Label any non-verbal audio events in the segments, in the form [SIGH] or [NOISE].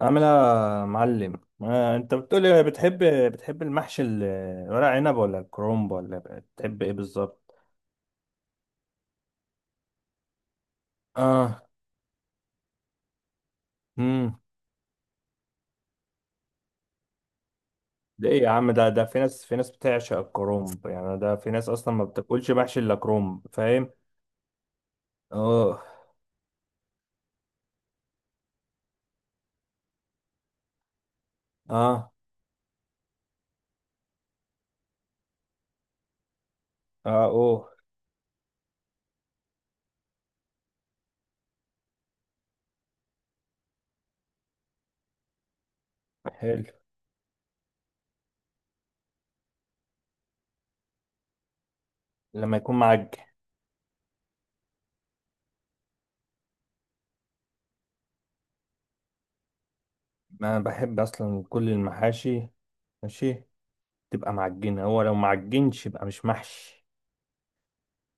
عامل ايه يا معلم؟ آه، انت بتقولي بتحب المحشي ورق عنب ولا الكرنب ولا بتحب ايه بالظبط؟ اه. امم. ده ايه يا عم؟ ده في ناس بتعشق الكرنب، يعني ده في ناس اصلا ما بتاكلش محشي الا كرنب، فاهم؟ اه، اه، اه، اوه. حلو. لما يكون معجن. ما بحب اصلا كل المحاشي، ماشي. تبقى معجنه، هو لو معجنش يبقى مش محشي.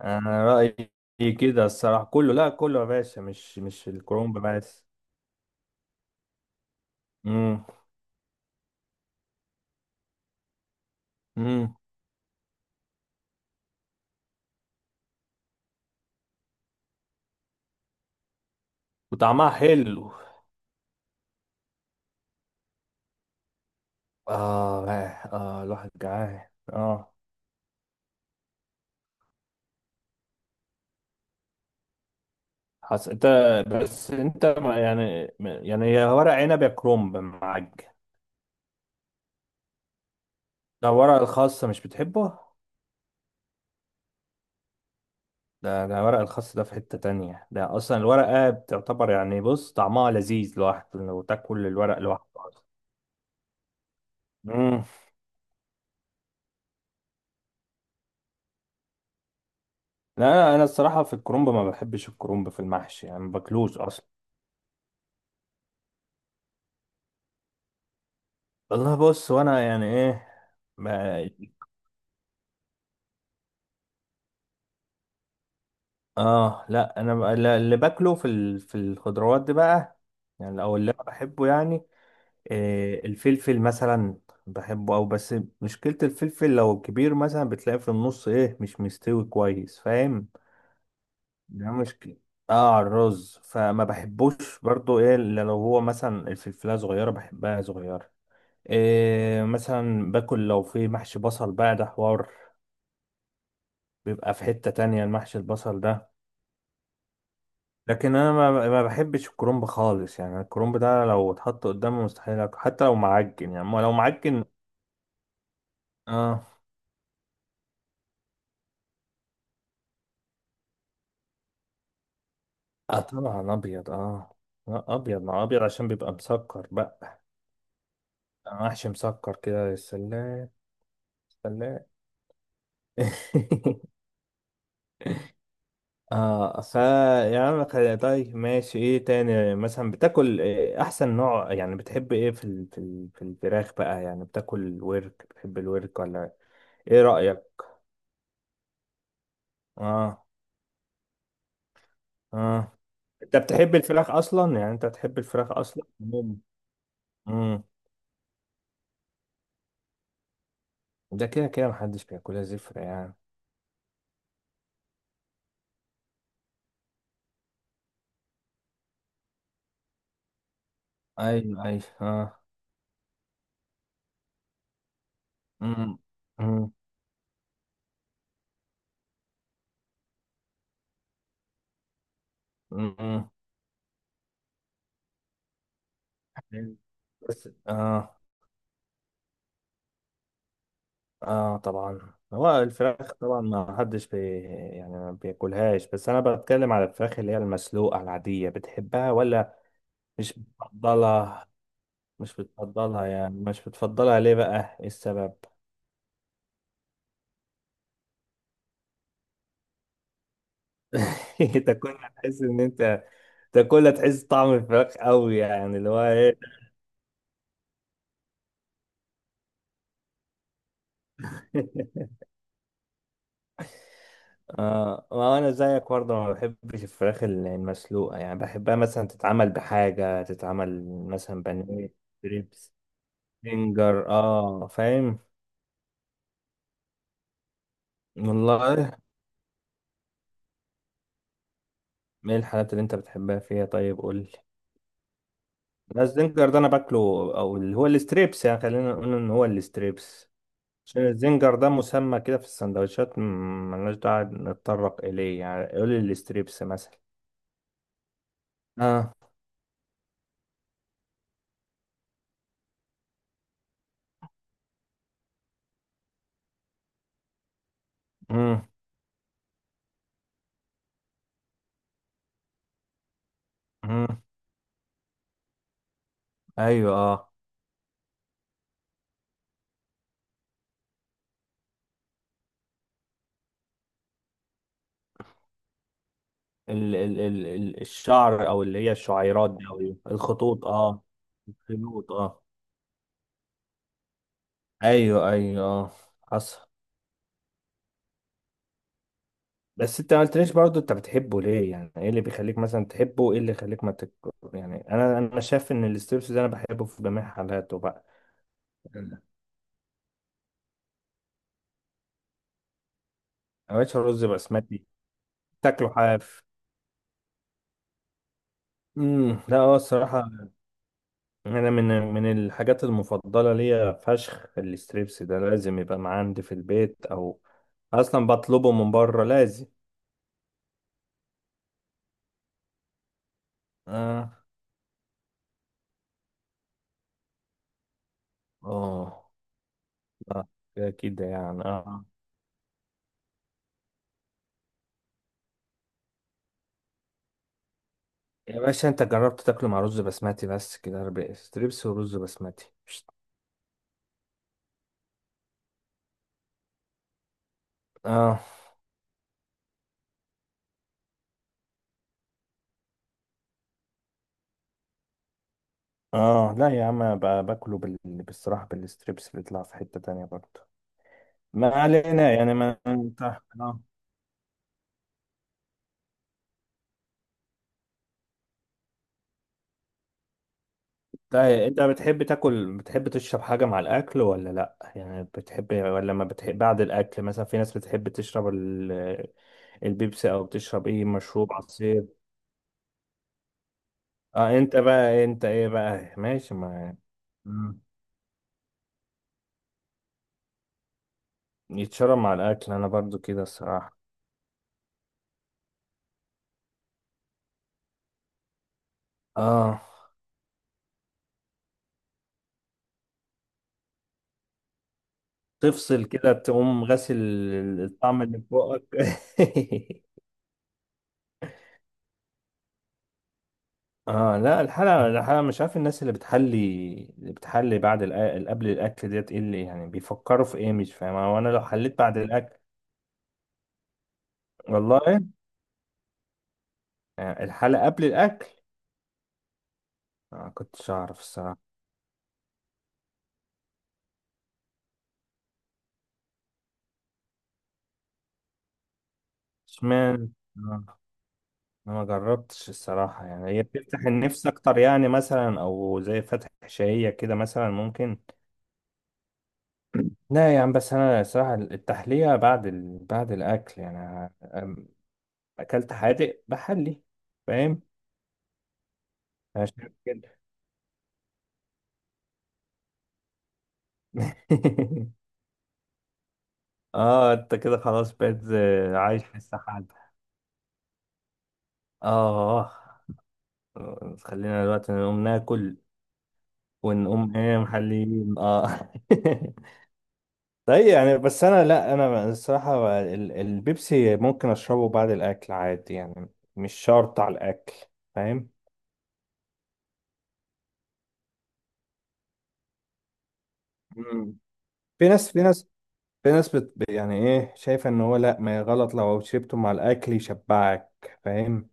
انا رأيي كده الصراحة، كله، لا كله يا باشا، مش الكرومب بس. امم، امم. وطعمها حلو. اه، اه، آه، الواحد جعان، اه. انت، بس انت يعني هي ورق عنب يا كرومب معاك. ده ورق الخاص، مش بتحبه؟ ده ورق الخاص، ده في حتة تانية، ده اصلا الورقة بتعتبر يعني، بص طعمها لذيذ لوحده، لو تاكل الورق لوحده اصلا. امم. لا انا، الصراحة في الكرومب ما بحبش الكرومب في المحشي، يعني ما باكلوش اصلا. والله بص، وانا يعني ايه، ما اه لا انا لا، اللي باكله في في الخضروات دي بقى، يعني او اللي انا بحبه يعني، إيه الفلفل مثلا. بحبه او بس، مشكلة الفلفل لو كبير مثلا بتلاقيه في النص ايه، مش مستوي كويس، فاهم؟ ده مشكلة. اه على الرز، فما بحبوش برضو ايه، الا لو هو مثلا الفلفلة صغيرة، بحبها صغيرة. إيه، مثلا باكل لو في محشي بصل بقى، ده حوار. بيبقى في حتة تانية المحشي البصل ده. لكن انا ما بحبش الكرنب خالص، يعني الكرنب ده لو اتحط قدامي مستحيل اكل، حتى لو معجن يعني، ما لو معجن. اه، اه طبعا ابيض، اه. لا ابيض مع ابيض عشان بيبقى مسكر بقى. أنا محشي مسكر كده يا سلام. سلام. [LAUGHS] اه، يعني طيب ماشي، ايه تاني مثلا بتاكل؟ إيه احسن نوع، يعني بتحب ايه في في الفراخ بقى، يعني بتاكل ورك، بتحب الورك ولا؟ ايه رأيك؟ اه، اه. انت بتحب الفراخ اصلا؟ يعني انت بتحب الفراخ اصلا؟ امم. ده كده كده محدش بياكلها زفرة يعني. ايوه، ايوه، اه. امم، امم، امم. بس اه، اه طبعا هو الفراخ طبعا ما حدش يعني ما بياكلهاش. بس انا بتكلم على الفراخ اللي هي المسلوقه العاديه، بتحبها ولا؟ مش بتفضلها؟ مش بتفضلها يعني؟ مش بتفضلها ليه بقى، ايه السبب؟ [LAUGHS] انت كنت هتحس ان انت تاكلها تحس طعم الفراخ قوي، يعني اللي هو ايه. [LAUGHS] اه ما انا زيك برضه، ما بحبش الفراخ المسلوقه. يعني بحبها مثلا تتعمل بحاجه، تتعمل مثلا بانيه، ستريبس، فينجر، اه، فاهم؟ والله. ايه الحاجات اللي انت بتحبها فيها، طيب قول لي. لا، الزنجر ده انا باكله. او اللي هو الستريبس، يعني خلينا نقول ان هو الستريبس، عشان الزنجر ده مسمى كده في السندوتشات، ملناش داعي نتطرق اليه يعني. قول لي الستريبس مثلا. اه. مم. مم. ايوه، اه. الشعر او اللي هي الشعيرات دي او إيه؟ الخطوط، اه. الخيوط، اه. ايوه، ايوه، اه. حصل. بس انت ما قلتليش برضه انت بتحبه ليه، يعني ايه اللي بيخليك مثلا تحبه، ايه اللي يخليك ما يعني انا، شايف ان الاستريبس ده انا بحبه في جميع حالاته بقى. ما بقتش رز بسمتي. تاكله حاف. امم، لا هو الصراحه انا من، الحاجات المفضله ليا فشخ الستريبس ده، لازم يبقى معاه عندي في البيت، او اصلا بطلبه من بره لازم. اه، اه، آه، كده كده يعني، اه. يا باشا انت جربت تاكله مع رز بسمتي، بس كده ربع ستريبس ورز بسمتي اه، اه. لا يا عم بقى باكله بالصراحه بالستريبس بيطلع في حته تانية برضه. ما علينا يعني، ما انت، آه. طيب انت بتحب تاكل، بتحب تشرب حاجة مع الاكل ولا لا؟ يعني بتحب ولا ما بتحب؟ بعد الاكل مثلا في ناس بتحب تشرب البيبسي، او بتشرب ايه، مشروب، عصير. اه، انت بقى انت ايه بقى ماشي، ما مم. يتشرب مع الاكل، انا برضو كده الصراحة. اه تفصل كده، تقوم غاسل الطعم اللي في بقك. [LAUGHS] اه لا، الحلقة مش عارف الناس اللي بتحلي، اللي بتحلي بعد قبل الأكل ديت، ايه اللي يعني بيفكروا في ايه، مش فاهم، هو انا لو حليت بعد الأكل. والله. آه، الحلقة قبل الأكل. آه، ما كنتش أعرف الصراحة. اشمعنى؟ آه، أنا ما جربتش الصراحة، يعني هي بتفتح النفس أكتر يعني، مثلا أو زي فتح شهية كده مثلا ممكن. لا يا عم، بس أنا الصراحة التحلية بعد بعد الأكل، يعني آه، أكلت حادق بحلي، فاهم؟ عشان كده. [LAUGHS] اه انت كده خلاص بقيت عايش في السحاب. اه خلينا دلوقتي نقوم ناكل ونقوم. [LAUGHS] ايه محليين، اه. [LAUGHS] طيب يعني بس انا، لا انا الصراحة البيبسي ممكن اشربه بعد الاكل عادي يعني، مش شرط على الاكل. فاهم؟ مم. في ناس في ناس يعني ايه شايفة ان هو لا، ما غلط لو شربته مع الاكل يشبعك، فاهم؟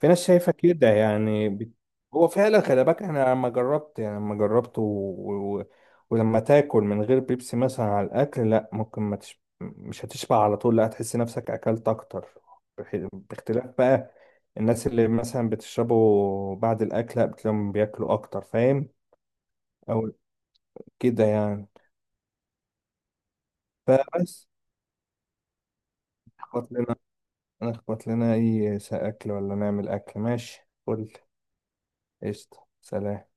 في ناس شايفة كده يعني هو فعلا، خلي بالك انا لما جربت، يعني لما جربت ولما تاكل من غير بيبسي مثلا على الاكل، لا ممكن ما مش هتشبع على طول، لا هتحس نفسك اكلت اكتر. باختلاف بقى. الناس اللي مثلا بتشربوا بعد الاكل لا، بتلاقيهم بياكلوا اكتر، فاهم؟ او كده يعني. فبس، اخبط لنا، نخبط لنا اي اكل ولا نعمل اكل، ماشي قول. قشطة، سلام.